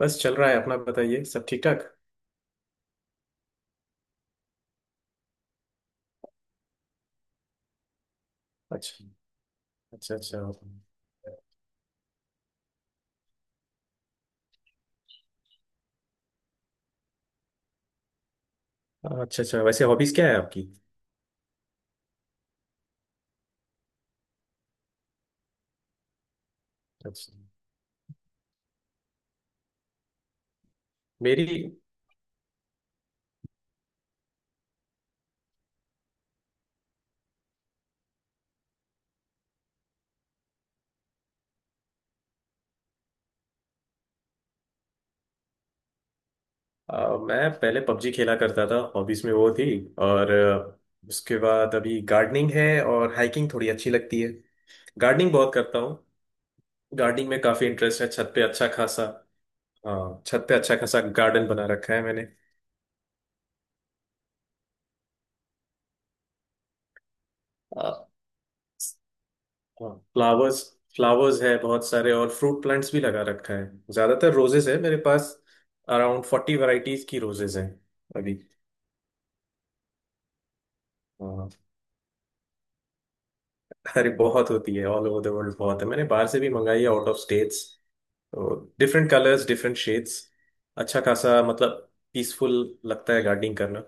बस चल रहा है। अपना बताइए, सब ठीक ठाक? अच्छा। अच्छा अच्छा। अच्छा। अच्छा, वैसे हॉबीज क्या है आपकी? अच्छा। मेरी, मैं पहले पबजी खेला करता था, हॉबीज में वो थी। और उसके बाद अभी गार्डनिंग है और हाइकिंग थोड़ी अच्छी लगती है। गार्डनिंग बहुत करता हूँ। गार्डनिंग में काफी इंटरेस्ट है, छत पे अच्छा खासा। हाँ, छत पे अच्छा खासा गार्डन बना रखा है मैंने। अ, हाँ, फ्लावर्स। फ्लावर्स है बहुत सारे और फ्रूट प्लांट्स भी लगा रखा है। ज्यादातर रोजेस है मेरे पास। अराउंड 40 वैरायटीज की रोजेस हैं अभी। हाँ। अरे बहुत होती है, ऑल ओवर द वर्ल्ड बहुत है, मैंने बाहर से भी मंगाई है, आउट ऑफ स्टेट्स। तो डिफरेंट कलर्स, डिफरेंट शेड्स। अच्छा खासा, मतलब पीसफुल लगता है गार्डनिंग करना।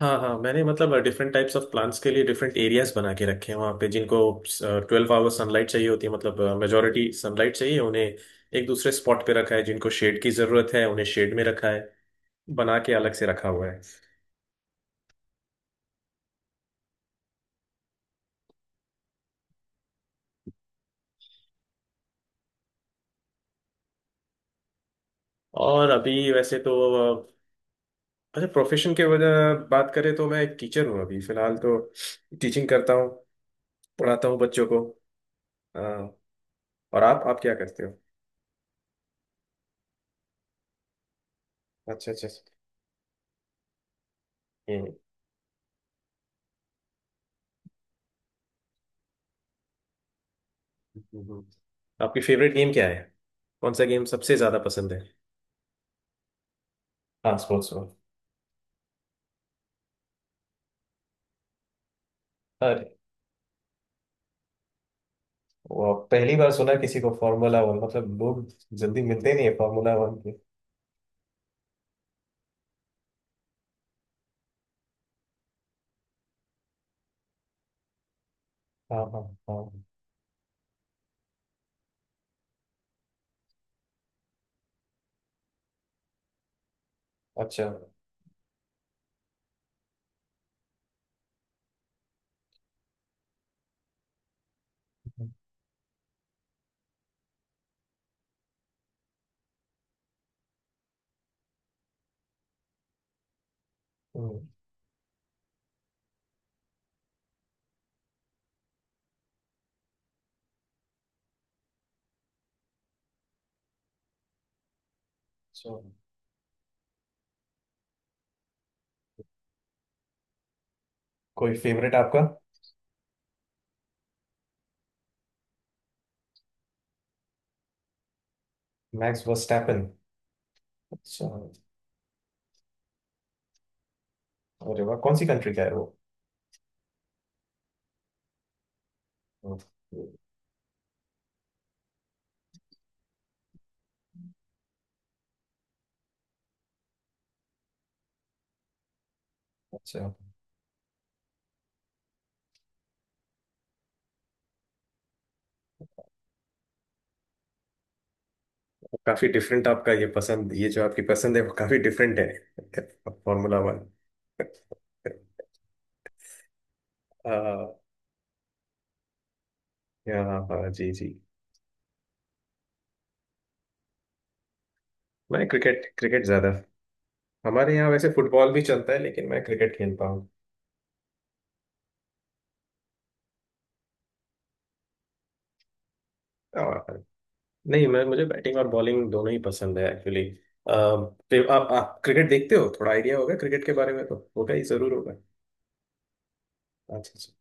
हाँ हाँ, मैंने मतलब डिफरेंट टाइप्स ऑफ प्लांट्स के लिए डिफरेंट एरियाज बना के रखे हैं। वहाँ पे जिनको 12 आवर्स सनलाइट चाहिए होती है, मतलब मेजोरिटी सनलाइट चाहिए उन्हें, एक दूसरे स्पॉट पे रखा है। जिनको शेड की जरूरत है उन्हें शेड में रखा है, बना के अलग से रखा हुआ है। और अभी वैसे तो, अ, अच्छा, प्रोफेशन के वजह बात करें तो मैं एक टीचर हूँ अभी फिलहाल तो। टीचिंग करता हूँ, पढ़ाता हूँ बच्चों को। और आप, क्या करते हो? अच्छा अच्छा अच्छा। हम्म। हम्म। हम्म। आपकी फेवरेट गेम क्या है? कौन सा गेम सबसे ज्यादा पसंद है? हाँ, स्पोर्ट्स में। अरे, वो पहली बार सुना किसी को फार्मूला वन, मतलब लोग जल्दी मिलते ही नहीं है फार्मूला वन के। हाँ हाँ हाँ। अच्छा। हम्म। So, कोई फेवरेट आपका? Max Verstappen. अच्छा। अरे वाह, कौन सी कंट्री का है वो? अच्छा। काफी डिफरेंट आपका ये पसंद, ये जो आपकी पसंद है वो काफी डिफरेंट है। Formula one. या हाँ हाँ, जी जी। मैं क्रिकेट, ज्यादा हमारे यहाँ वैसे फुटबॉल भी चलता है, लेकिन मैं क्रिकेट खेलता हूँ। और नहीं, मैं मुझे बैटिंग और बॉलिंग दोनों ही पसंद है एक्चुअली। आप क्रिकेट देखते हो? थोड़ा आइडिया होगा क्रिकेट के बारे में, तो होगा ही, जरूर होगा। अच्छा अच्छा।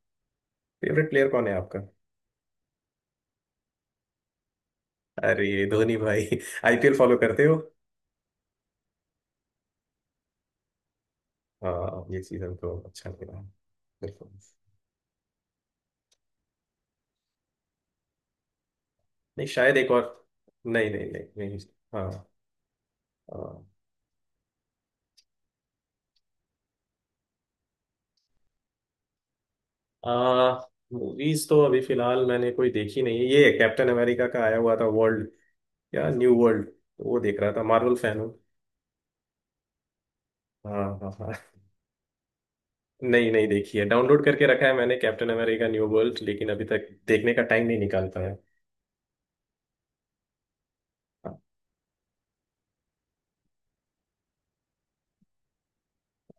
फेवरेट प्लेयर कौन है आपका? अरे धोनी भाई। आईपीएल फॉलो करते हो? हाँ, ये सीजन तो अच्छा लग रहा है। बिल्कुल। नहीं, शायद एक और। नहीं नहीं नहीं नहीं हाँ। हाँ। आ, मूवीज तो अभी फिलहाल मैंने कोई देखी नहीं है। ये कैप्टन अमेरिका का आया हुआ था, वर्ल्ड या न्यू वर्ल्ड, वो देख रहा था। मार्वल फैन हूँ। हाँ हाँ हाँ। नहीं, नहीं देखी है। डाउनलोड करके रखा है मैंने कैप्टन अमेरिका न्यू वर्ल्ड, लेकिन अभी तक देखने का टाइम नहीं निकाल पाया।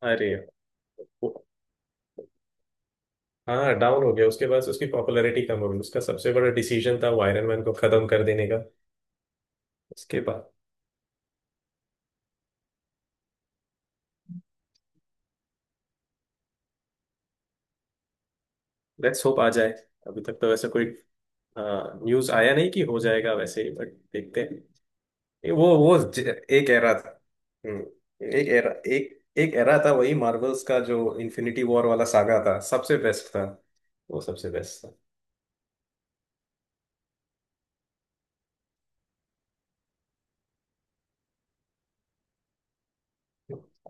अरे वो- हाँ डाउन हो गया उसके बाद, उसकी पॉपुलैरिटी कम हो गई। उसका सबसे बड़ा डिसीजन था वो आयरन मैन को खत्म कर देने का। उसके बाद लेट्स होप आ जाए। अभी तक तो वैसे कोई न्यूज आया नहीं कि हो जाएगा वैसे ही, बट देखते हैं। ये एक एरा था। हम्म, एक एरा, एक एक एरा था, वही मार्वल्स का जो इन्फिनिटी वॉर वाला सागा था, सबसे बेस्ट था। वो सबसे बेस्ट था।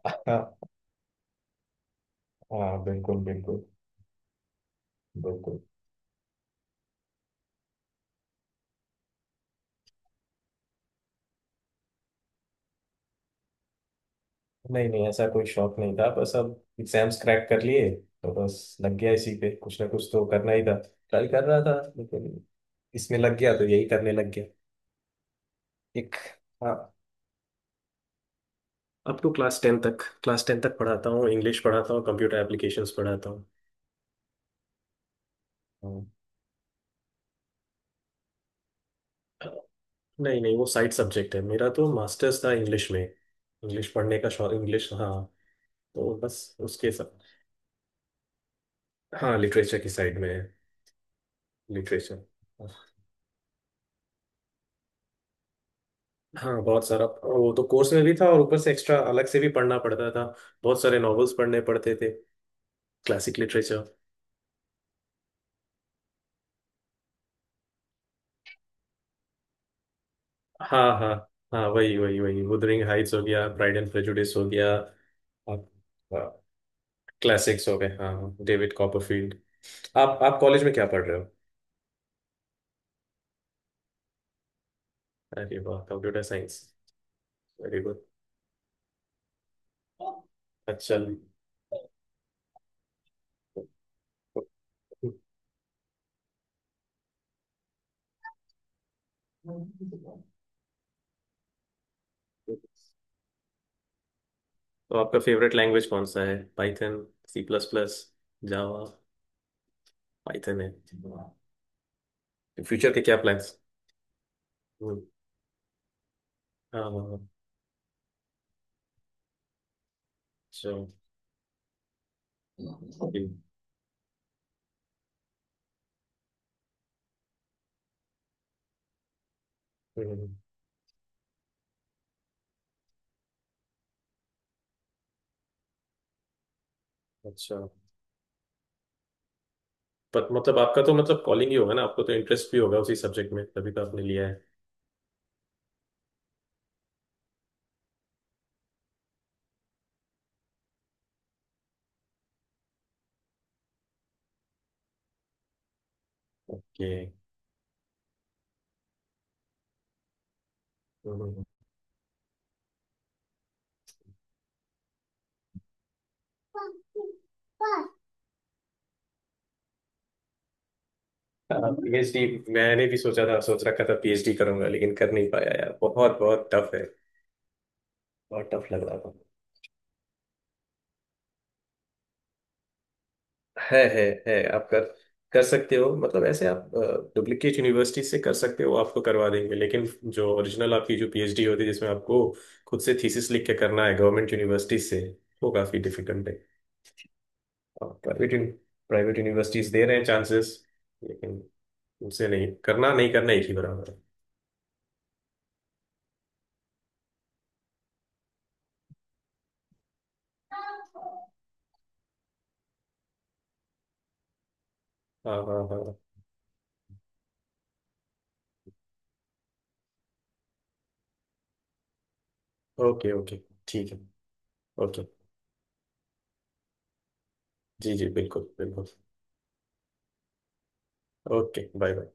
हाँ हाँ। बिल्कुल बिल्कुल। बिल्कुल। नहीं नहीं, ऐसा कोई शौक नहीं था, बस अब एग्जाम्स क्रैक कर लिए तो बस लग गया इसी पे। कुछ ना कुछ तो करना ही था, ट्राई कर रहा था, लेकिन इसमें लग गया तो यही करने लग गया। एक, हाँ, अप टू क्लास 10 तक। क्लास टेन तक पढ़ाता हूँ। इंग्लिश पढ़ाता हूँ, कंप्यूटर एप्लीकेशंस पढ़ाता हूँ। हाँ। नहीं नहीं, वो साइड सब्जेक्ट है। मेरा तो मास्टर्स था इंग्लिश में, इंग्लिश पढ़ने का शौक, इंग्लिश, हाँ। तो बस उसके सब, हाँ लिटरेचर की साइड में है। लिटरेचर, हाँ बहुत सारा। वो तो कोर्स में भी था और ऊपर से एक्स्ट्रा अलग से भी पढ़ना पड़ता था, बहुत सारे नॉवेल्स पढ़ने पड़ते थे। Classic literature. हाँ हाँ हाँ, वही वही वही wuthering हाइट्स हो गया, प्राइड एंड प्रेजुडिस हो गया। आप, क्लासिक्स हो गए, हाँ, डेविड कॉपरफील्ड। आप कॉलेज में क्या पढ़ रहे हो? अरे वाह, कंप्यूटर साइंस! Very good. अच्छा। तो आपका फेवरेट लैंग्वेज कौन सा है? Python? C plus plus? Java? Python है। फ्यूचर के क्या प्लान्स? हाँ। हाँ, हाँ। अच्छा। जी। हम्म। अच्छा। पर मतलब आपका तो मतलब कॉलिंग ही होगा ना आपको, तो इंटरेस्ट भी होगा उसी सब्जेक्ट में, तभी तो आपने लिया है। ओके। पीएचडी, मैंने भी सोचा था, सोच रखा था पीएचडी करूंगा, लेकिन कर नहीं पाया यार, बहुत बहुत टफ है। बहुत टफ लग रहा था। है, आप कर कर सकते हो, मतलब ऐसे आप डुप्लीकेट यूनिवर्सिटी से कर सकते हो, आपको करवा देंगे। लेकिन जो ओरिजिनल आपकी जो पीएचडी होती है, जिसमें आपको खुद से थीसिस लिख के करना है, गवर्नमेंट यूनिवर्सिटी से, वो काफ़ी डिफिकल्ट है। प्राइवेट प्राइवेट यूनिवर्सिटीज दे रहे हैं चांसेस, लेकिन उनसे नहीं करना, नहीं करना, एक ही बराबर है। हाँ हाँ हाँ। Okay okay. ठीक है। ओके। जी जी, बिल्कुल बिल्कुल। Okay, bye bye.